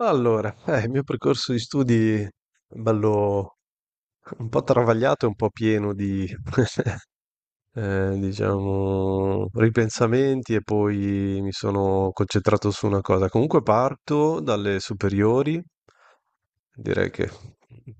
Allora, il mio percorso di studi è bello un po' travagliato e un po' pieno di, diciamo, ripensamenti e poi mi sono concentrato su una cosa. Comunque parto dalle superiori, direi che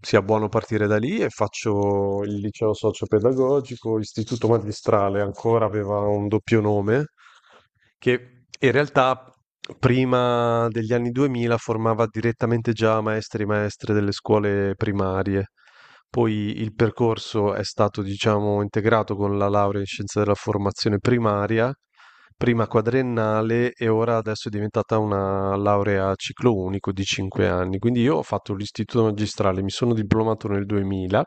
sia buono partire da lì e faccio il liceo socio-pedagogico, istituto magistrale, ancora aveva un doppio nome, che in realtà prima degli anni 2000 formava direttamente già maestri e maestre delle scuole primarie. Poi il percorso è stato, diciamo, integrato con la laurea in scienze della formazione primaria prima quadriennale e ora adesso è diventata una laurea a ciclo unico di 5 anni. Quindi io ho fatto l'istituto magistrale, mi sono diplomato nel 2000,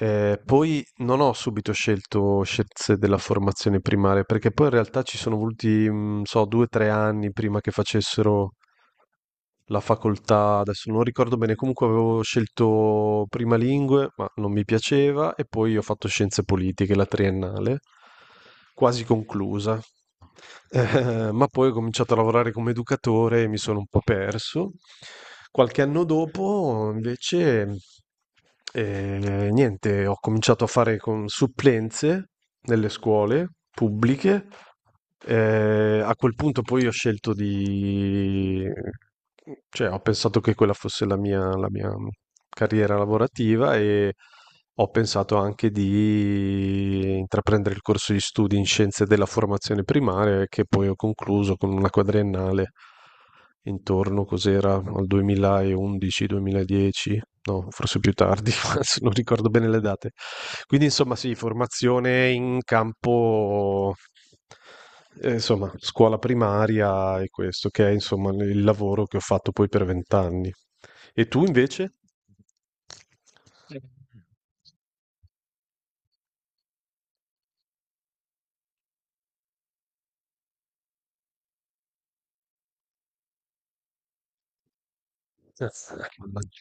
poi non ho subito scelto scienze della formazione primaria, perché poi in realtà ci sono voluti, 2 o 3 anni prima che facessero la facoltà, adesso non ricordo bene, comunque avevo scelto prima lingue, ma non mi piaceva, e poi ho fatto scienze politiche, la triennale, quasi conclusa. Ma poi ho cominciato a lavorare come educatore e mi sono un po' perso. Qualche anno dopo, invece, e niente, ho cominciato a fare con supplenze nelle scuole pubbliche. A quel punto poi ho scelto di... cioè ho pensato che quella fosse la mia carriera lavorativa e ho pensato anche di intraprendere il corso di studi in scienze della formazione primaria che poi ho concluso con una quadriennale. Intorno cos'era, al 2011-2010, no, forse più tardi, adesso non ricordo bene le date. Quindi insomma sì, formazione in campo, insomma, scuola primaria e questo, che è insomma il lavoro che ho fatto poi per vent'anni. E tu invece?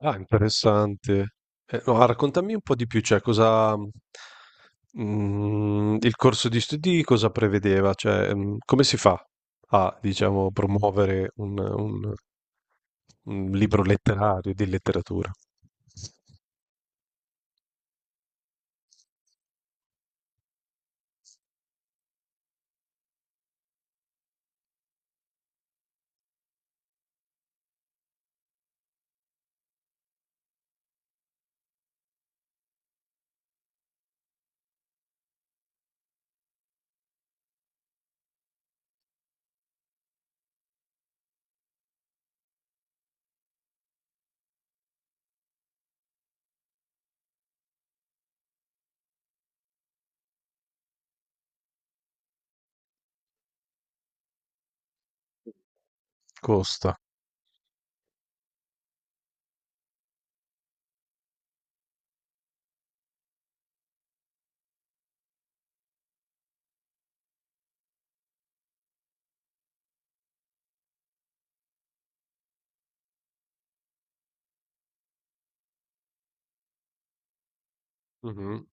Ah, interessante. No, ah, raccontami un po' di più, cioè cosa, il corso di studi cosa prevedeva, cioè, come si fa a, diciamo, promuovere un, un libro letterario di letteratura? Costa. Mhm.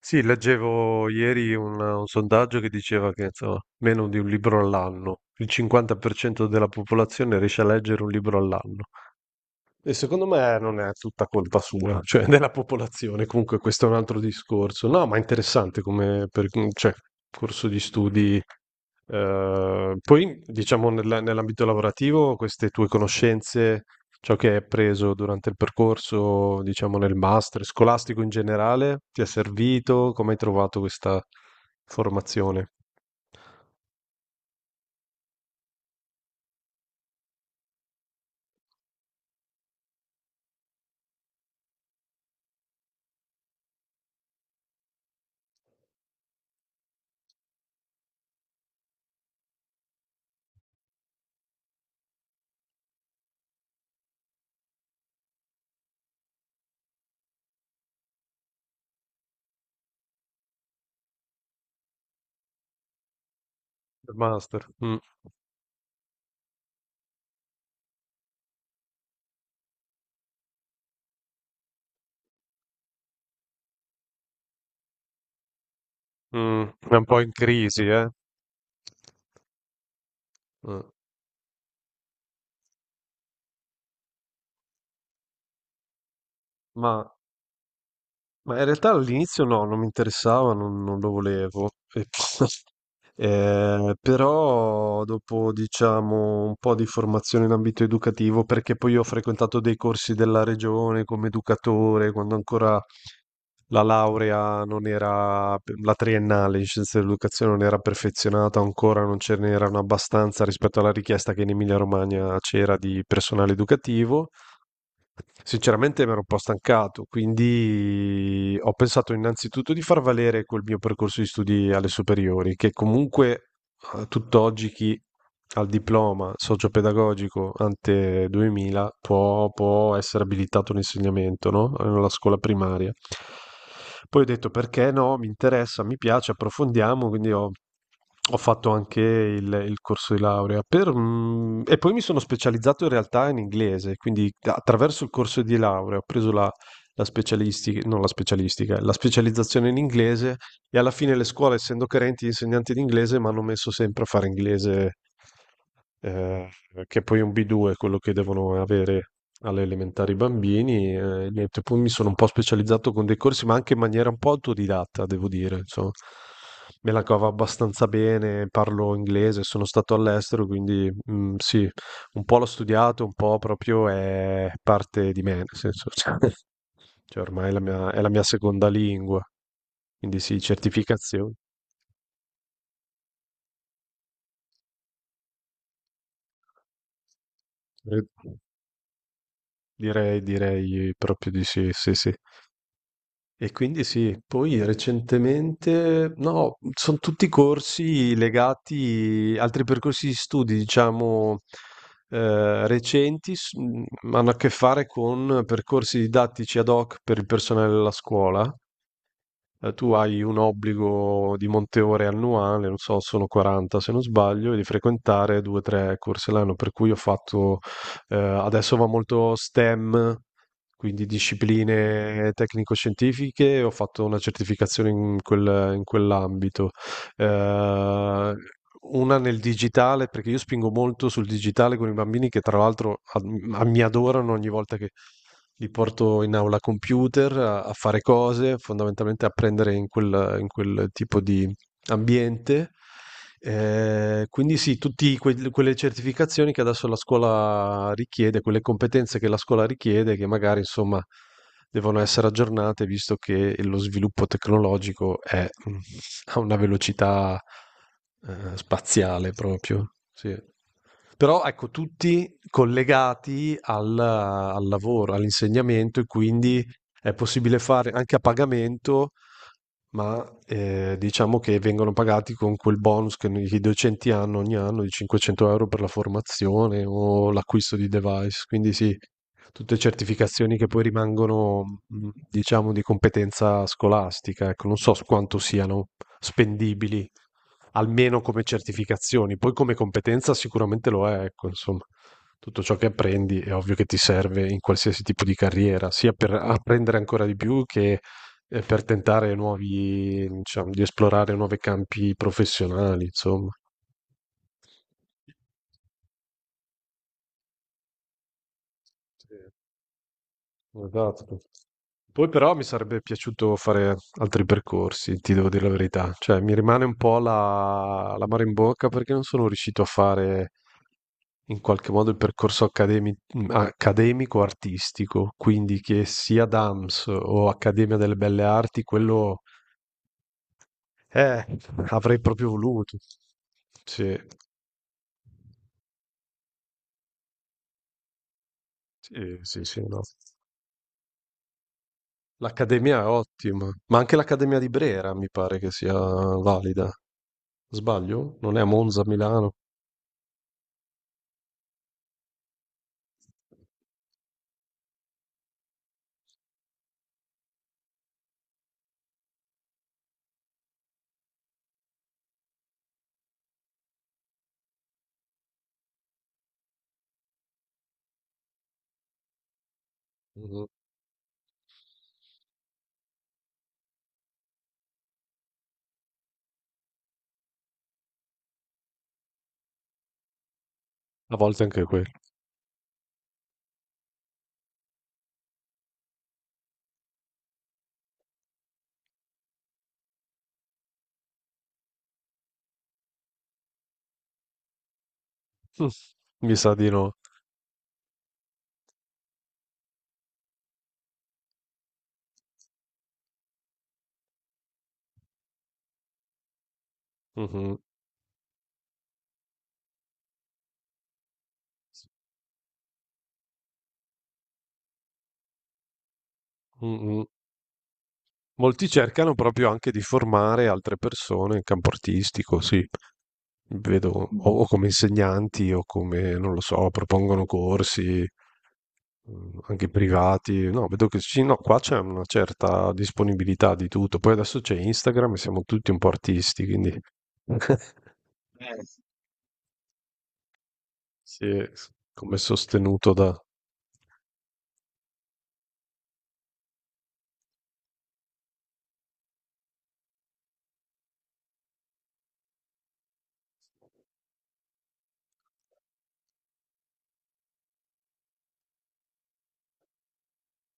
Sì, leggevo ieri un sondaggio che diceva che insomma, meno di un libro all'anno, il 50% della popolazione riesce a leggere un libro all'anno. E secondo me non è tutta colpa sua, cioè della popolazione, comunque questo è un altro discorso. No, ma è interessante come cioè, corso di studi, poi, diciamo, nell'ambito lavorativo, queste tue conoscenze, ciò che hai appreso durante il percorso, diciamo, nel master scolastico in generale, ti è servito? Come hai trovato questa formazione? Il master. Mm, mm, è un po' in crisi, eh? Mm. Ma, ma in realtà all'inizio no, non mi interessava, non lo volevo. E, però dopo diciamo un po' di formazione in ambito educativo, perché poi ho frequentato dei corsi della regione come educatore, quando ancora la laurea non era, la triennale in scienze dell'educazione non era perfezionata ancora, non ce n'erano abbastanza rispetto alla richiesta che in Emilia-Romagna c'era di personale educativo. Sinceramente mi ero un po' stancato, quindi ho pensato innanzitutto di far valere quel mio percorso di studi alle superiori, che comunque a tutt'oggi chi ha il diploma socio-pedagogico ante 2000 può essere abilitato all'insegnamento, no? Alla scuola primaria. Poi ho detto perché no, mi interessa, mi piace, approfondiamo, quindi ho fatto anche il corso di laurea. E poi mi sono specializzato in realtà in inglese, quindi attraverso il corso di laurea ho preso la specialistica, non la specialistica, la specializzazione in inglese e alla fine le scuole, essendo carenti di insegnanti di inglese, mi hanno messo sempre a fare inglese, eh, che è poi un B2 quello che devono avere alle elementari i bambini. Niente, poi mi sono un po' specializzato con dei corsi, ma anche in maniera un po' autodidatta, devo dire. Insomma, me la cavo abbastanza bene, parlo inglese, sono stato all'estero, quindi sì, un po' l'ho studiato, un po' proprio è parte di me, nel senso, cioè, ormai è la mia seconda lingua. Quindi sì, certificazioni. Eh, direi, proprio di sì, sì, sì. E quindi sì, poi recentemente, no, sono tutti corsi legati, altri percorsi di studi, diciamo, recenti, hanno a che fare con percorsi didattici ad hoc per il personale della scuola, tu hai un obbligo di monte ore annuale, non so, sono 40 se non sbaglio, e di frequentare due o tre corsi all'anno, per cui ho fatto. Adesso va molto STEM, quindi discipline tecnico-scientifiche, ho fatto una certificazione in quell'ambito. Ehm, una nel digitale, perché io spingo molto sul digitale con i bambini che tra l'altro ad a mi adorano ogni volta che li porto in aula computer a fare cose, fondamentalmente a prendere in quel tipo di ambiente. Quindi sì, tutti quelle certificazioni che adesso la scuola richiede, quelle competenze che la scuola richiede, che magari insomma devono essere aggiornate visto che lo sviluppo tecnologico è, a una velocità, spaziale proprio. Sì. Però ecco, tutti collegati al lavoro, all'insegnamento e quindi è possibile fare anche a pagamento, ma diciamo che vengono pagati con quel bonus che i docenti hanno ogni anno di 500 euro per la formazione o l'acquisto di device. Quindi sì, tutte certificazioni che poi rimangono, diciamo, di competenza scolastica, ecco, non so quanto siano spendibili, almeno come certificazioni, poi come competenza sicuramente lo è, ecco, insomma, tutto ciò che apprendi è ovvio che ti serve in qualsiasi tipo di carriera, sia per apprendere ancora di più che per tentare nuovi, diciamo, di esplorare nuovi campi professionali, insomma. Sì. Esatto. Poi però mi sarebbe piaciuto fare altri percorsi, ti devo dire la verità. Cioè, mi rimane un po' l'amaro in bocca perché non sono riuscito a fare in qualche modo il percorso accademico-artistico, quindi che sia DAMS o Accademia delle Belle Arti, quello, eh, avrei proprio voluto. Sì, sì, sì, sì, no. L'Accademia è ottima, ma anche l'Accademia di Brera mi pare che sia valida. Sbaglio? Non è a Monza, a Milano. Mh-mh. A volte anche quello. Mm. Mi sa di no. Mh-mh. Mh-mh. Molti cercano proprio anche di formare altre persone in campo artistico, sì. Vedo o come insegnanti o come, non lo so, propongono corsi, anche privati. No, vedo che sì, no, qua c'è una certa disponibilità di tutto. Poi adesso c'è Instagram e siamo tutti un po' artisti, quindi sì, come sostenuto da...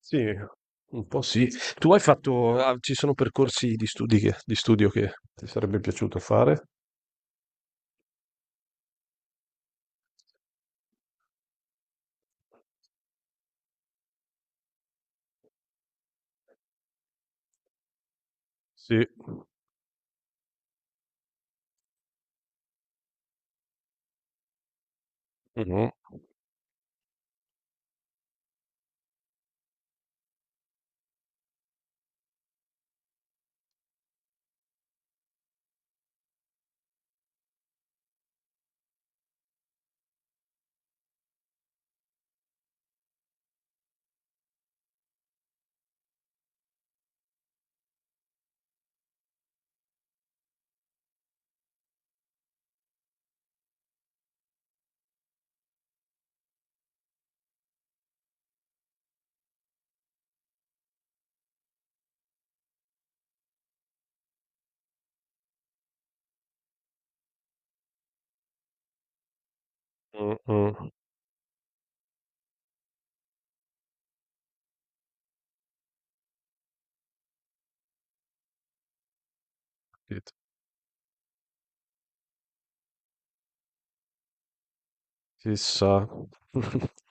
Sì, un po' sì. Tu hai fatto... ah, ci sono percorsi di studi di studio che ti sarebbe piaciuto fare? Sì. Mhm. Mm, mm. Chissà.